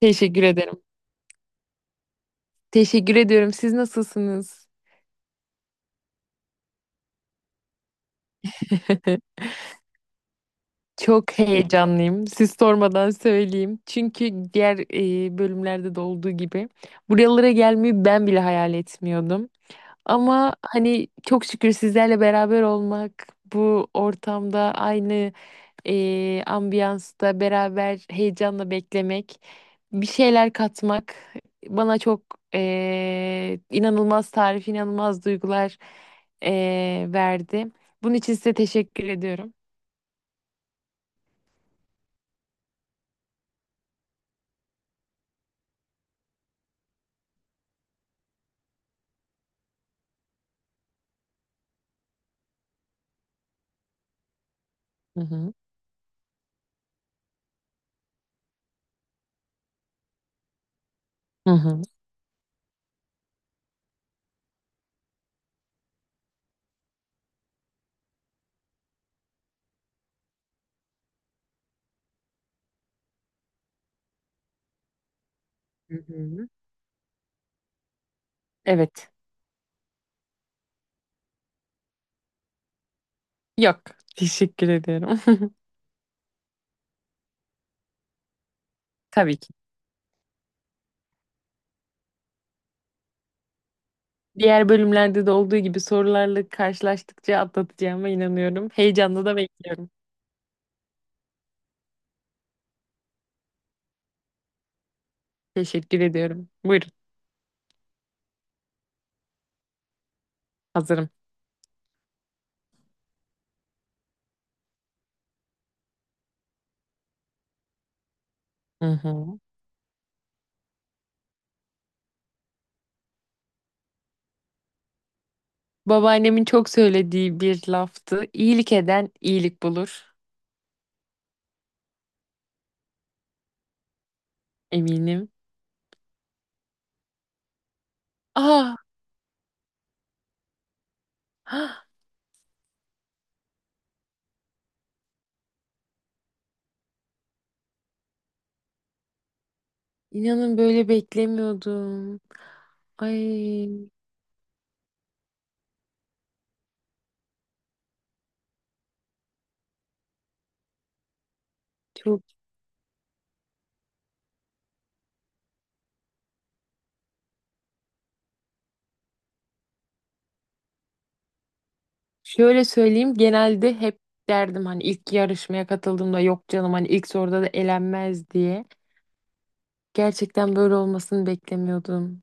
Teşekkür ederim. Teşekkür ediyorum. Siz nasılsınız? Çok heyecanlıyım. Siz sormadan söyleyeyim. Çünkü diğer bölümlerde de olduğu gibi buralara gelmeyi ben bile hayal etmiyordum. Ama hani çok şükür sizlerle beraber olmak, bu ortamda aynı ambiyansta beraber heyecanla beklemek, bir şeyler katmak bana çok inanılmaz tarif, inanılmaz duygular verdi. Bunun için size teşekkür ediyorum. Hı hı. Hı hı. Hı hı. Evet. Yok. Teşekkür ediyorum. Tabii ki. Diğer bölümlerde de olduğu gibi sorularla karşılaştıkça atlatacağıma inanıyorum. Heyecanla da bekliyorum. Teşekkür ediyorum. Buyurun. Hazırım. Hı hı. Babaannemin çok söylediği bir laftı. İyilik eden iyilik bulur. Eminim. Ah, ah, inanın böyle beklemiyordum. Ay çok. Şöyle söyleyeyim, genelde hep derdim hani, ilk yarışmaya katıldığımda, yok canım hani ilk soruda da elenmez diye. Gerçekten böyle olmasını beklemiyordum.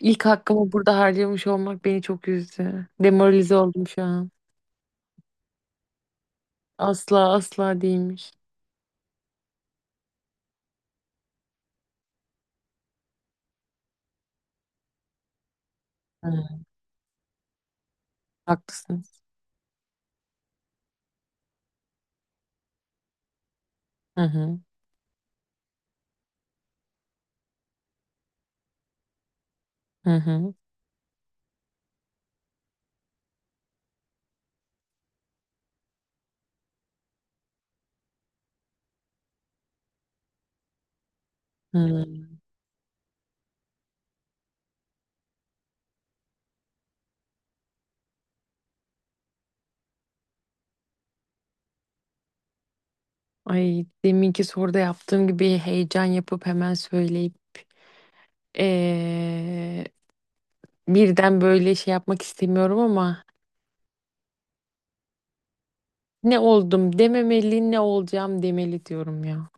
İlk hakkımı burada harcamış olmak beni çok üzdü. Demoralize oldum şu an. Asla asla değilmiş. Hı, haklısınız. Hı hı. Hı hı. Hı. Ay, deminki soruda yaptığım gibi heyecan yapıp hemen söyleyip eee, birden böyle şey yapmak istemiyorum ama ne oldum dememeli, ne olacağım demeli diyorum ya.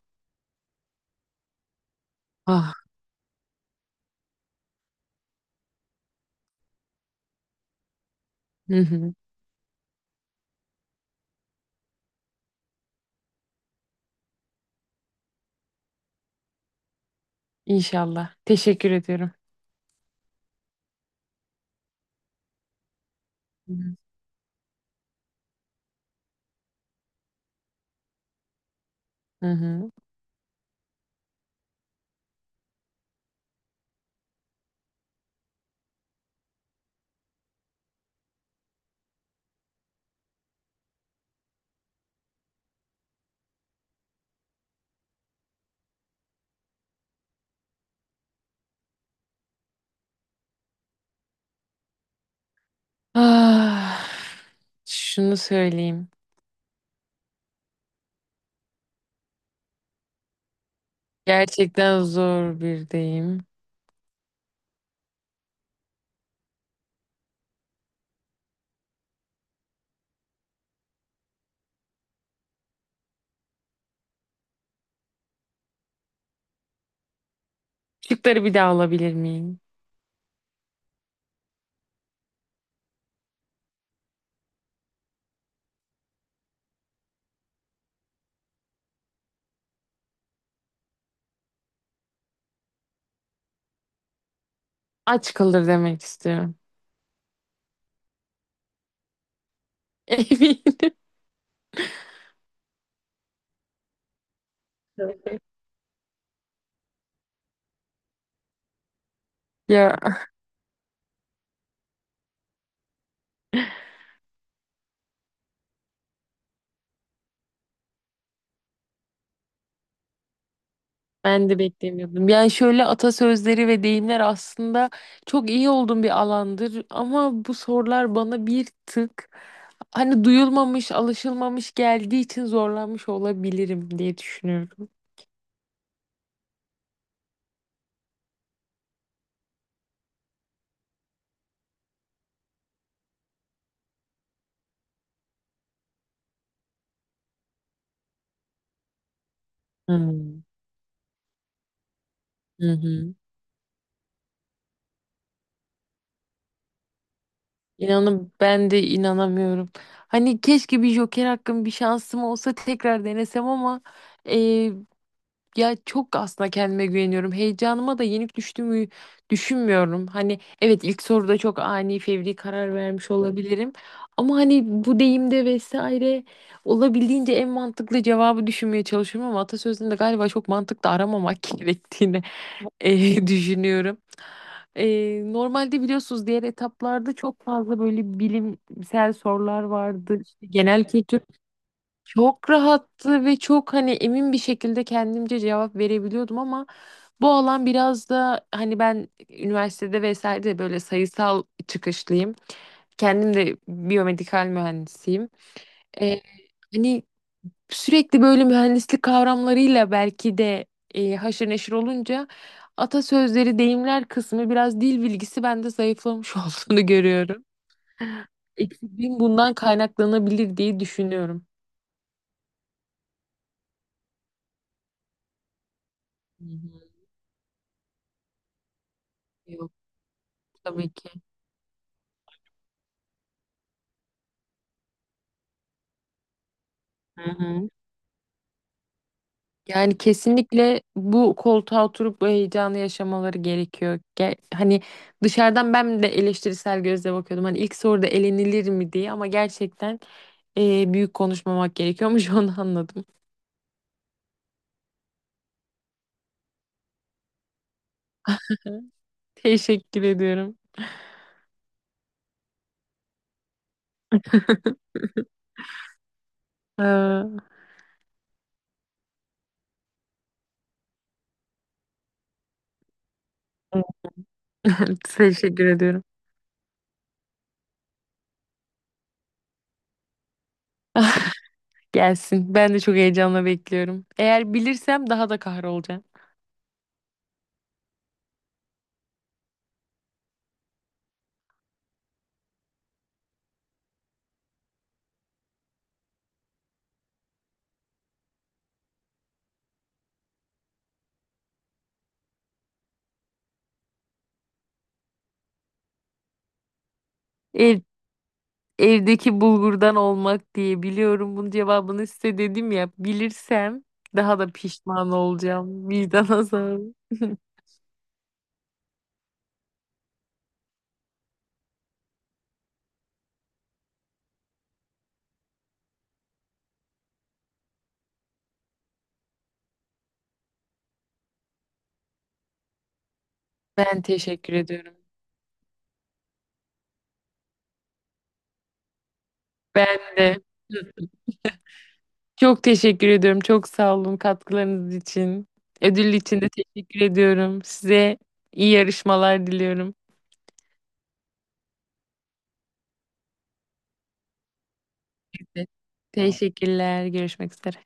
Ah, hı hı. İnşallah. Teşekkür ediyorum. Hı hı. Hı. Ah, şunu söyleyeyim. Gerçekten zor bir deyim. Şıkları bir daha alabilir miyim? Aç kalır demek istiyorum. Eminim. Ya. Ben de beklemiyordum. Yani şöyle, atasözleri ve deyimler aslında çok iyi olduğum bir alandır, ama bu sorular bana bir tık hani duyulmamış, alışılmamış geldiği için zorlanmış olabilirim diye düşünüyorum. Hmm. Hı hı. İnanın ben de inanamıyorum. Hani keşke bir joker hakkım, bir şansım olsa tekrar denesem ama, ya çok aslında kendime güveniyorum. Heyecanıma da yenik düştüğümü düşünmüyorum. Hani evet, ilk soruda çok ani fevri karar vermiş olabilirim. Ama hani bu deyimde vesaire olabildiğince en mantıklı cevabı düşünmeye çalışıyorum, ama atasözünde galiba çok mantıklı aramamak gerektiğini düşünüyorum. Normalde biliyorsunuz, diğer etaplarda çok fazla böyle bilimsel sorular vardı. İşte genel kültür çok rahattı ve çok hani emin bir şekilde kendimce cevap verebiliyordum, ama bu alan biraz da hani, ben üniversitede vesaire de böyle sayısal çıkışlıyım. Kendim de biyomedikal mühendisiyim. Ee, hani sürekli böyle mühendislik kavramlarıyla belki de haşır neşir olunca atasözleri, deyimler kısmı, biraz dil bilgisi bende zayıflamış olduğunu görüyorum. Eksikliğim bundan kaynaklanabilir diye düşünüyorum. Hı hı. Yok tabii ki. Hı hı. Yani kesinlikle bu koltuğa oturup bu heyecanı yaşamaları gerekiyor. Hani dışarıdan ben de eleştirisel gözle bakıyordum. Hani ilk soruda elenilir mi diye, ama gerçekten büyük konuşmamak gerekiyormuş, onu anladım. Teşekkür ediyorum. Aa, teşekkür ediyorum. Gelsin. Ben de çok heyecanla bekliyorum. Eğer bilirsem daha da kahrolacağım. E, Evdeki bulgurdan olmak diye biliyorum. Bunun cevabını size dedim ya, bilirsem daha da pişman olacağım. Vicdan azabı. Ben teşekkür ediyorum. Ben de. Çok teşekkür ediyorum. Çok sağ olun katkılarınız için. Ödül için de teşekkür ediyorum. Size iyi yarışmalar diliyorum. Evet. Teşekkürler. Görüşmek üzere.